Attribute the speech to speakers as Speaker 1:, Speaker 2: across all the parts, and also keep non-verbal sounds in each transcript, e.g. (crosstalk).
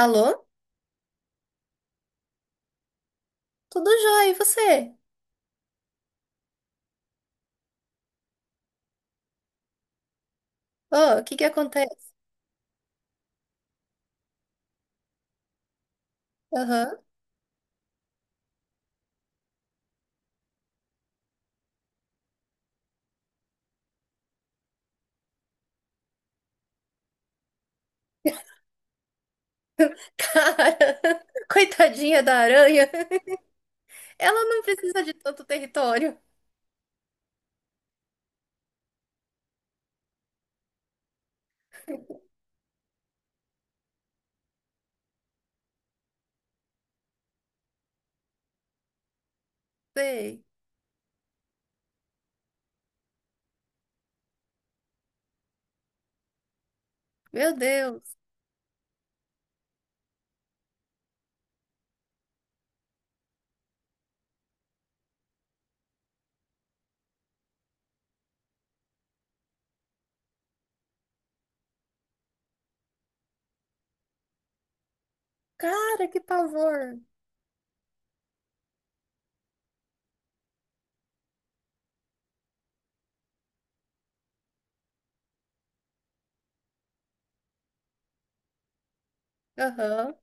Speaker 1: Alô? Tudo jóia, e você? Ô, o que que acontece? Aham. (laughs) Cara, coitadinha da aranha. (laughs) Ela não precisa de tanto território. Sei. Meu Deus. Cara, que pavor. Aham.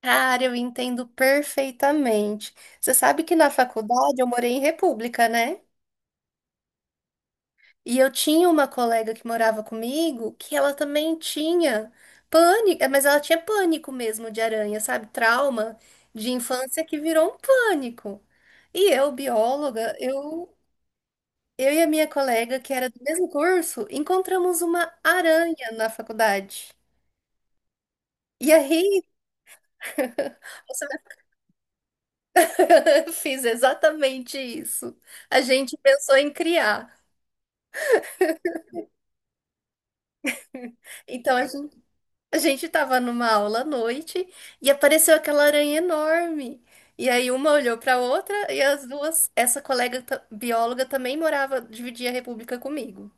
Speaker 1: Cara, eu entendo perfeitamente. Você sabe que na faculdade eu morei em república, né? E eu tinha uma colega que morava comigo que ela também tinha pânico, mas ela tinha pânico mesmo de aranha, sabe? Trauma de infância que virou um pânico. E eu, bióloga, eu e a minha colega, que era do mesmo curso, encontramos uma aranha na faculdade. E aí, (laughs) você (laughs) fiz exatamente isso. A gente pensou em criar. Então a gente A gente tava numa aula à noite e apareceu aquela aranha enorme. E aí uma olhou pra outra e as duas, essa bióloga também morava, dividia a república comigo.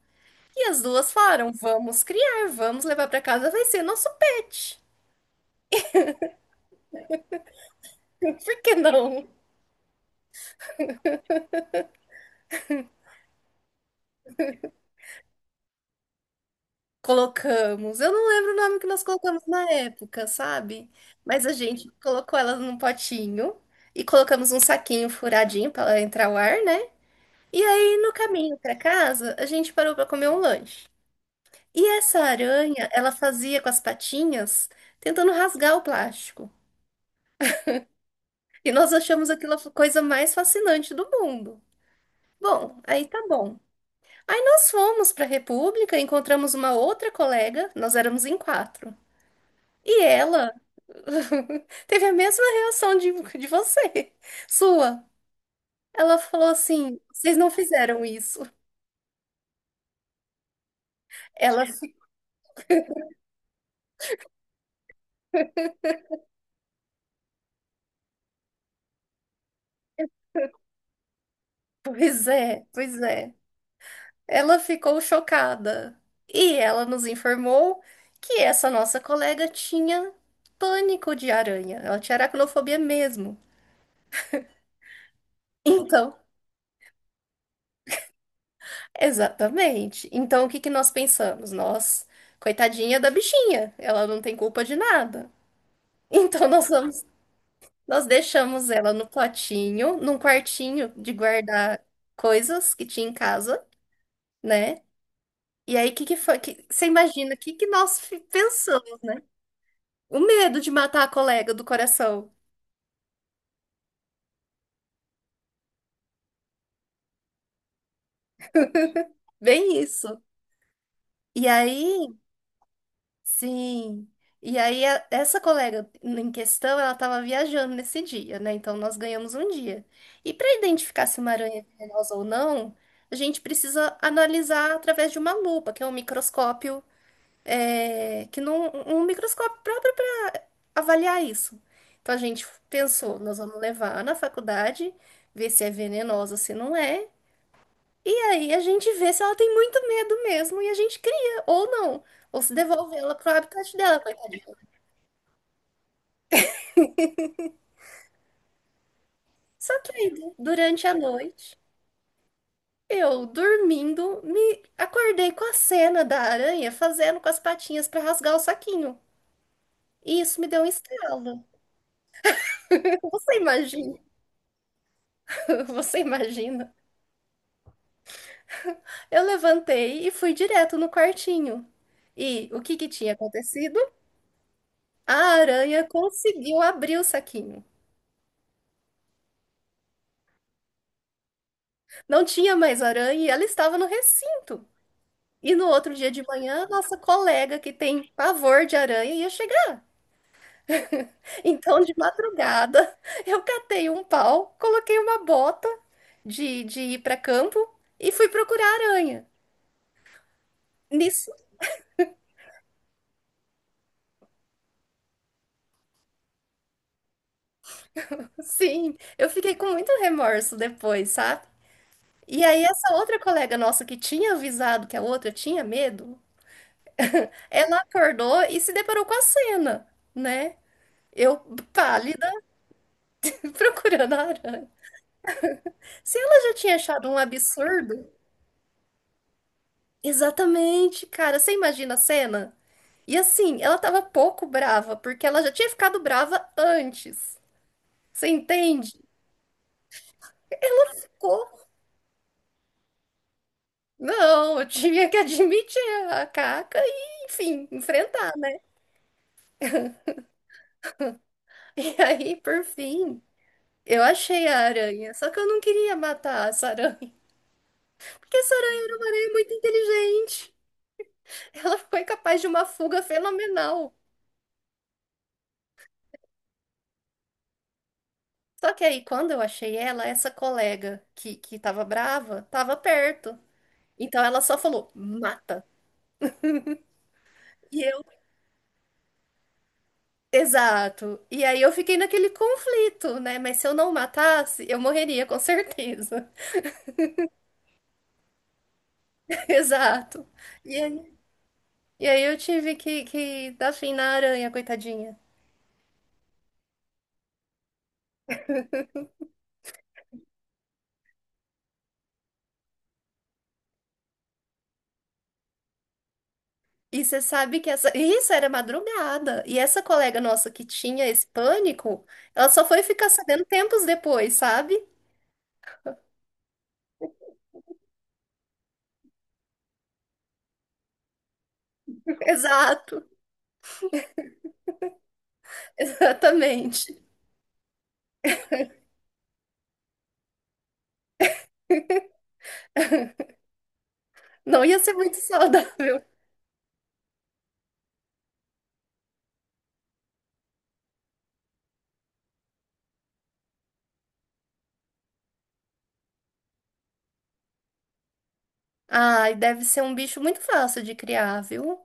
Speaker 1: E as duas falaram: "Vamos criar, vamos levar pra casa, vai ser nosso pet". (laughs) Por que não? Colocamos. Eu não lembro o nome que nós colocamos na época, sabe? Mas a gente colocou ela num potinho e colocamos um saquinho furadinho pra ela entrar o ar, né? E aí, no caminho pra casa, a gente parou pra comer um lanche. E essa aranha, ela fazia com as patinhas, tentando rasgar o plástico. E nós achamos aquilo a coisa mais fascinante do mundo. Bom, aí tá bom. Aí nós fomos pra República, encontramos uma outra colega, nós éramos em quatro. E ela (laughs) teve a mesma reação de você, sua. Ela falou assim: vocês não fizeram isso. Ela, pois é, pois é. Ela ficou chocada e ela nos informou que essa nossa colega tinha pânico de aranha. Ela tinha aracnofobia mesmo. Então, exatamente. Então, o que que nós pensamos? Nós, coitadinha da bichinha, ela não tem culpa de nada. (laughs) Então, nós vamos, nós deixamos ela no potinho, num quartinho de guardar coisas que tinha em casa, né? E aí, o que que foi? Você imagina o que que pensamos? O medo de matar a colega do coração. Bem isso. E aí, sim. E aí, essa colega em questão, ela estava viajando nesse dia, né? Então, nós ganhamos um dia. E para identificar se uma aranha é venenosa ou não, a gente precisa analisar através de uma lupa, que é um microscópio, é, que não, um microscópio próprio para avaliar isso. Então, a gente pensou, nós vamos levar na faculdade, ver se é venenosa, se não é. E aí a gente vê se ela tem muito medo mesmo e a gente cria, ou não. Ou se devolve ela pro habitat dela, coitadinha. Só que aí, durante a noite, eu dormindo, me acordei com a cena da aranha fazendo com as patinhas pra rasgar o saquinho. E isso me deu um estalo. (laughs) Você imagina? (laughs) Você imagina? Eu levantei e fui direto no quartinho. E o que que tinha acontecido? A aranha conseguiu abrir o saquinho. Não tinha mais aranha e ela estava no recinto. E no outro dia de manhã, nossa colega que tem pavor de aranha ia chegar. Então, de madrugada, (laughs) eu catei um pau, coloquei uma bota de ir para campo e fui procurar aranha. Nisso, (laughs) sim, eu fiquei com muito remorso depois, sabe? E aí, essa outra colega nossa que tinha avisado que a outra tinha medo, ela acordou e se deparou com a cena, né? Eu, pálida, (laughs) procurando a aranha. Se ela já tinha achado um absurdo, exatamente, cara. Você imagina a cena? E assim, ela tava pouco brava, porque ela já tinha ficado brava antes. Você entende? Ficou- Não, eu tinha que admitir a caca e, enfim, enfrentar, né? (laughs) E aí, por fim, eu achei a aranha. Só que eu não queria matar essa aranha, porque essa aranha era uma aranha muito inteligente. Ela foi capaz de uma fuga fenomenal. Só que aí, quando eu achei ela, essa colega que tava brava, tava perto. Então ela só falou, mata. E eu, exato. E aí eu fiquei naquele conflito, né? Mas se eu não matasse, eu morreria com certeza. (laughs) Exato. E aí, eu tive que dar fim na aranha, coitadinha. E você sabe que essa. Isso era madrugada. E essa colega nossa que tinha esse pânico, ela só foi ficar sabendo tempos depois, sabe? (laughs) Exato. Exatamente. (laughs) Não ia ser muito saudável. Ai, deve ser um bicho muito fácil de criar, viu?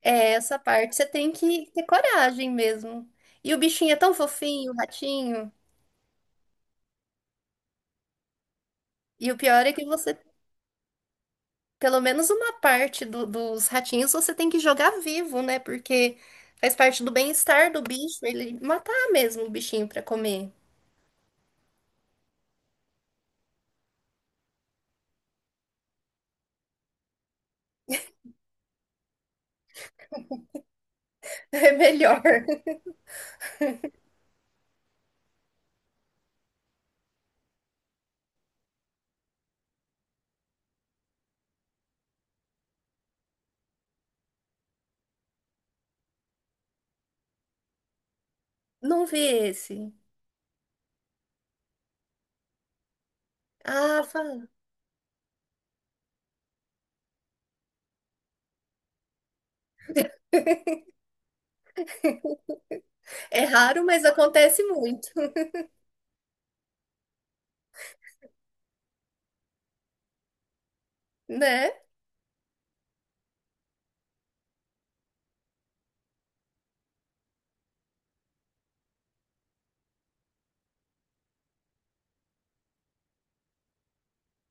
Speaker 1: É essa parte você tem que ter coragem mesmo. E o bichinho é tão fofinho, o ratinho. E o pior é que você, pelo menos uma parte dos ratinhos, você tem que jogar vivo, né? Porque faz parte do bem-estar do bicho, ele matar mesmo o bichinho pra comer. (laughs) É melhor. Não vi esse. Ah, fala. (laughs) É raro, mas acontece muito, né?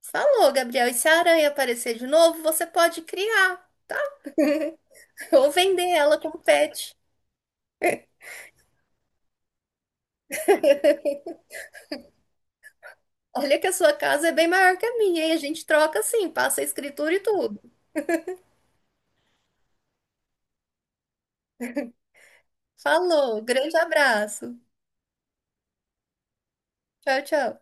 Speaker 1: Falou, Gabriel. E se a aranha aparecer de novo, você pode criar (laughs) ou vender ela como pet. (laughs) Olha que a sua casa é bem maior que a minha, e a gente troca assim, passa a escritura e tudo. Falou, grande abraço. Tchau, tchau.